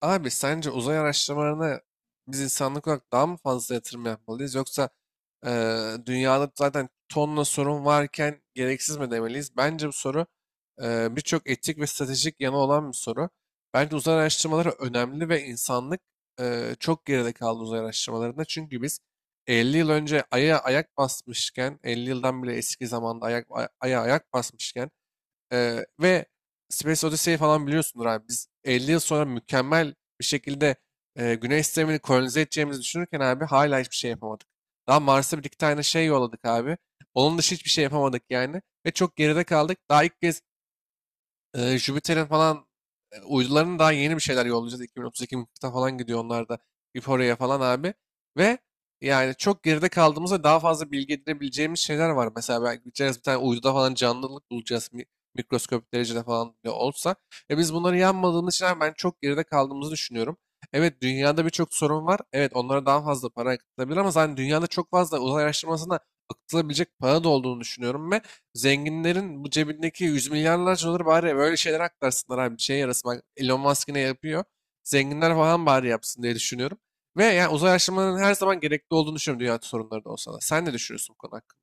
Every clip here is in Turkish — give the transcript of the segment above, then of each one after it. Abi sence uzay araştırmalarına biz insanlık olarak daha mı fazla yatırım yapmalıyız yoksa dünyada zaten tonla sorun varken gereksiz mi demeliyiz? Bence bu soru birçok etik ve stratejik yanı olan bir soru. Bence uzay araştırmaları önemli ve insanlık çok geride kaldı uzay araştırmalarında. Çünkü biz 50 yıl önce Ay'a ayak basmışken, 50 yıldan bile eski zamanda Ay'a ayak basmışken ve Space Odyssey falan biliyorsundur abi. Biz 50 yıl sonra mükemmel bir şekilde Güney sistemini kolonize edeceğimizi düşünürken abi hala hiçbir şey yapamadık. Daha Mars'a bir iki tane şey yolladık abi. Onun dışı hiçbir şey yapamadık yani. Ve çok geride kaldık. Daha ilk kez Jüpiter'in falan uydularının daha yeni bir şeyler yollayacağız. 2032 mıknatısa falan gidiyor onlar da oraya falan abi. Ve yani çok geride kaldığımızda daha fazla bilgi edinebileceğimiz şeyler var. Mesela belki gideceğiz bir tane uyduda falan canlılık bulacağız. Mikroskopik derecede falan bile olsa. E biz bunları yanmadığımız için abi ben çok geride kaldığımızı düşünüyorum. Evet, dünyada birçok sorun var. Evet, onlara daha fazla para akıtılabilir ama zaten dünyada çok fazla uzay araştırmasına akıtılabilecek para da olduğunu düşünüyorum. Ve zenginlerin bu cebindeki yüz milyarlarca doları bari böyle şeyler aklarsınlar abi. Bir şeye yarasın. Bak Elon Musk ne yapıyor. Zenginler falan bari yapsın diye düşünüyorum. Ve yani uzay araştırmalarının her zaman gerekli olduğunu düşünüyorum dünya sorunları da olsa da. Sen ne düşünüyorsun bu konu hakkında?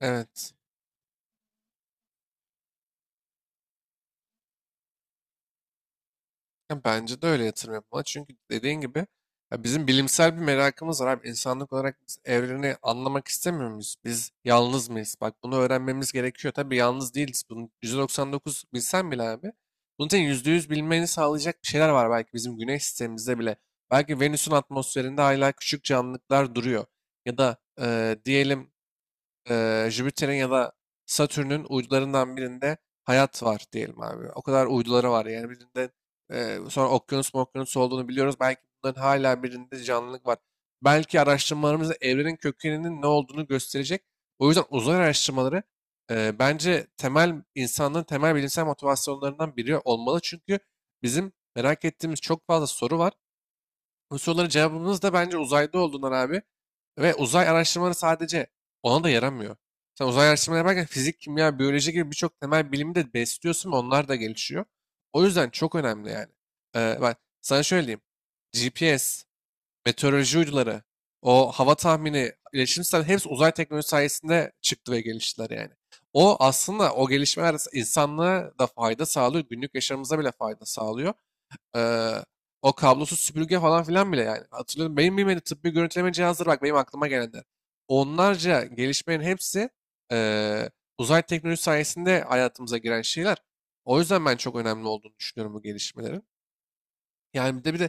Evet. Ya bence de öyle yatırım yapmalı. Çünkü dediğin gibi ya bizim bilimsel bir merakımız var abi. İnsanlık olarak biz evreni anlamak istemiyor muyuz? Biz yalnız mıyız? Bak bunu öğrenmemiz gerekiyor. Tabii yalnız değiliz. Bunu %99 bilsen bile abi. Bunun için %100 bilmeni sağlayacak bir şeyler var belki bizim güneş sistemimizde bile. Belki Venüs'ün atmosferinde hala küçük canlılıklar duruyor. Ya da diyelim Jüpiter'in ya da Satürn'ün uydularından birinde hayat var diyelim abi. O kadar uyduları var yani birinde sonra okyanus mu okyanus olduğunu biliyoruz. Belki bunların hala birinde canlılık var. Belki araştırmalarımız da evrenin kökeninin ne olduğunu gösterecek. O yüzden uzay araştırmaları bence temel insanlığın temel bilimsel motivasyonlarından biri olmalı. Çünkü bizim merak ettiğimiz çok fazla soru var. Bu soruların cevabımız da bence uzayda olduğundan abi. Ve uzay araştırmaları sadece ona da yaramıyor. Sen uzay araştırmaları yaparken fizik, kimya, biyoloji gibi birçok temel bilimi de besliyorsun ve onlar da gelişiyor. O yüzden çok önemli yani. Bak sana şöyle diyeyim. GPS, meteoroloji uyduları, o hava tahmini, iletişim sistemleri hepsi uzay teknolojisi sayesinde çıktı ve geliştiler yani. O aslında o gelişmeler insanlığa da fayda sağlıyor, günlük yaşamımıza bile fayda sağlıyor. Eee, O kablosuz süpürge falan filan bile yani. Hatırlıyorum benim bilmediğim tıbbi görüntüleme cihazları bak benim aklıma gelenler. Onlarca gelişmenin hepsi eee, uzay teknolojisi sayesinde hayatımıza giren şeyler. O yüzden ben çok önemli olduğunu düşünüyorum bu gelişmelerin. Yani bir de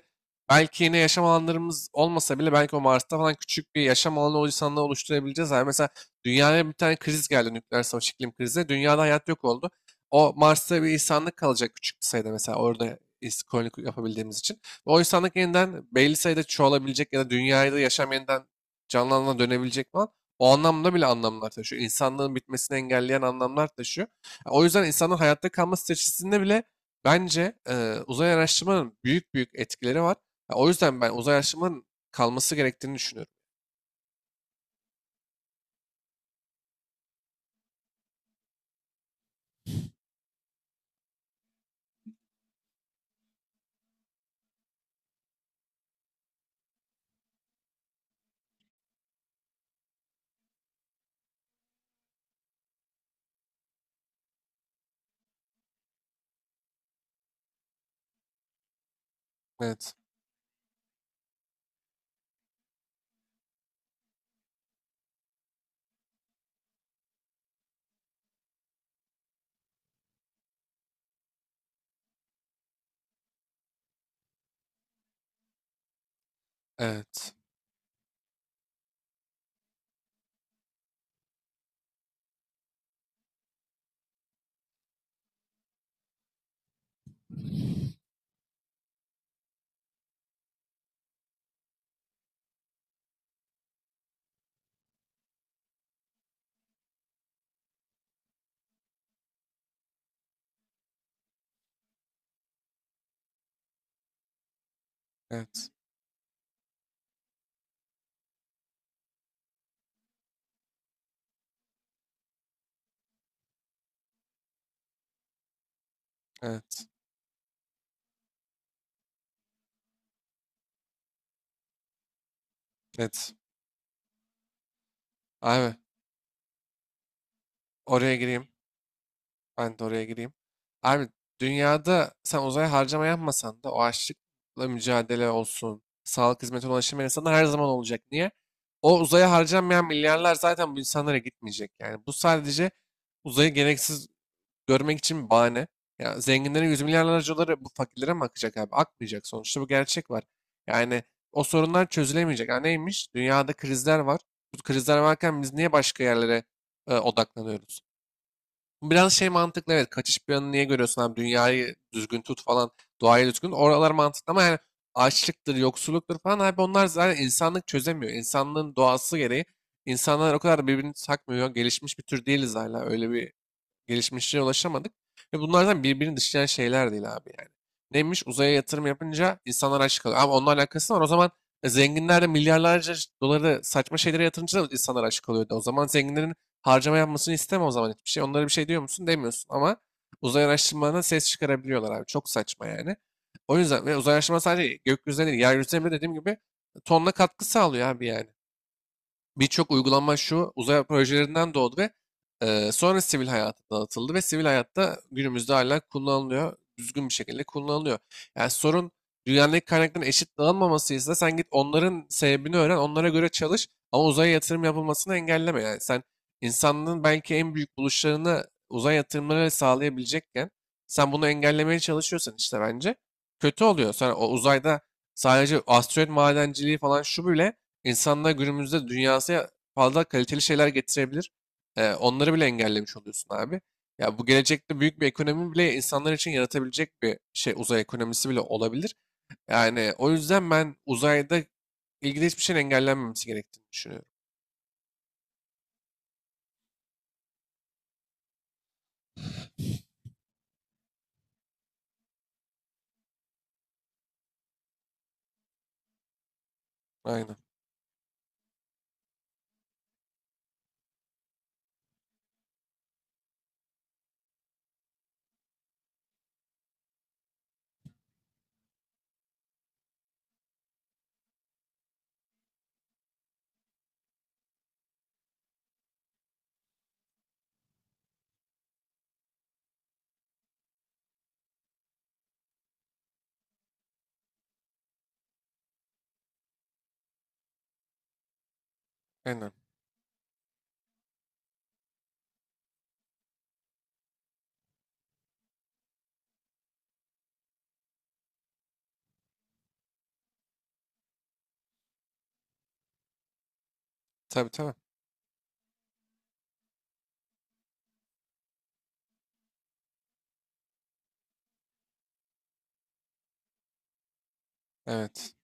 belki yine yaşam alanlarımız olmasa bile belki o Mars'ta falan küçük bir yaşam alanı o insanla oluşturabileceğiz. Yani mesela dünyaya bir tane kriz geldi, nükleer savaş, iklim krizi. Dünyada hayat yok oldu. O Mars'ta bir insanlık kalacak küçük bir sayıda mesela orada koloni yapabildiğimiz için. Ve o insanlık yeniden belli sayıda çoğalabilecek ya da dünyada yaşam yeniden canlanana dönebilecek falan. O anlamda bile anlamlar taşıyor. İnsanlığın bitmesini engelleyen anlamlar taşıyor. O yüzden insanın hayatta kalma stratejisinde bile bence uzay araştırmanın büyük büyük etkileri var. Ya, o yüzden ben uzay araştırmanın kalması gerektiğini düşünüyorum. Evet, evet, evet, evet, evet. Abi oraya gireyim. Ben de oraya gireyim. Abi dünyada sen uzaya harcama yapmasan da o açlıkla mücadele olsun, sağlık hizmetine ulaşım insanlar her zaman olacak. Niye? O uzaya harcanmayan milyarlar zaten bu insanlara gitmeyecek. Yani bu sadece uzayı gereksiz görmek için bir bahane. Ya zenginlerin yüz milyarlarca doları bu fakirlere mi akacak abi? Akmayacak. Sonuçta bu gerçek var. Yani o sorunlar çözülemeyecek. Ha neymiş? Dünyada krizler var. Bu krizler varken biz niye başka yerlere odaklanıyoruz? Bu biraz şey mantıklı, evet. Kaçış planı niye görüyorsun abi? Dünyayı düzgün tut falan. Doğayı düzgün. Oralar mantıklı ama yani açlıktır, yoksulluktur falan abi onlar zaten insanlık çözemiyor. İnsanlığın doğası gereği insanlar o kadar birbirini takmıyor. Gelişmiş bir tür değiliz hala. Öyle bir gelişmişliğe ulaşamadık. Ve bunlardan birbirini dışlayan şeyler değil abi yani. Neymiş? Uzaya yatırım yapınca insanlar aç kalıyor. Ama onunla alakası var. O zaman zenginler de milyarlarca doları saçma şeylere yatırınca da insanlar aç kalıyordu. O zaman zenginlerin harcama yapmasını isteme o zaman hiçbir şey. Onlara bir şey diyor musun? Demiyorsun ama uzay araştırmalarına ses çıkarabiliyorlar abi. Çok saçma yani. O yüzden ve uzay araştırma sadece gökyüzüne değil, yeryüzüne bile dediğim gibi tonla katkı sağlıyor abi yani. Birçok uygulama şu uzay projelerinden doğdu ve sonra sivil hayata dağıtıldı ve sivil hayatta günümüzde hala kullanılıyor. Düzgün bir şekilde kullanılıyor. Yani sorun dünyadaki kaynakların eşit dağılmamasıysa sen git onların sebebini öğren, onlara göre çalış ama uzaya yatırım yapılmasını engelleme. Yani sen insanlığın belki en büyük buluşlarını uzay yatırımları sağlayabilecekken sen bunu engellemeye çalışıyorsan işte bence kötü oluyor. Sonra o uzayda sadece asteroid madenciliği falan şu bile İnsanlar günümüzde dünyasına fazla kaliteli şeyler getirebilir. Onları bile engellemiş oluyorsun abi. Ya bu gelecekte büyük bir ekonomi bile insanlar için yaratabilecek bir şey uzay ekonomisi bile olabilir. Yani o yüzden ben uzayda ilgili hiçbir şeyin engellenmemesi gerektiğini düşünüyorum. Aynen. Aynen. Tabii, tabii. Evet.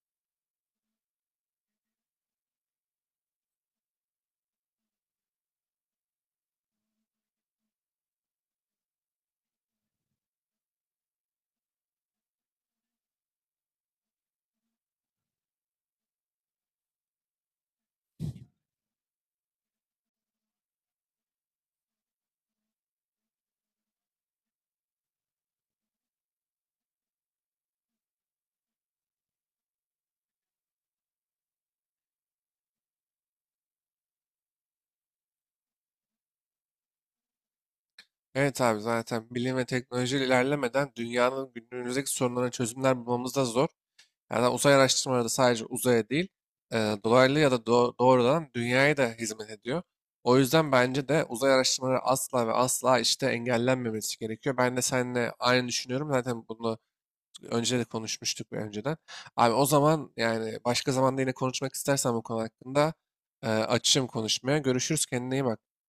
Evet abi, zaten bilim ve teknoloji ilerlemeden dünyanın günümüzdeki sorunlarına çözümler bulmamız da zor. Yani uzay araştırmaları da sadece uzaya değil, e, dolaylı ya da doğrudan dünyaya da hizmet ediyor. O yüzden bence de uzay araştırmaları asla ve asla işte engellenmemesi gerekiyor. Ben de seninle aynı düşünüyorum. Zaten bunu önce de konuşmuştuk önceden. Abi o zaman yani başka zamanda yine konuşmak istersen bu konu hakkında açığım konuşmaya. Görüşürüz, kendine iyi bak.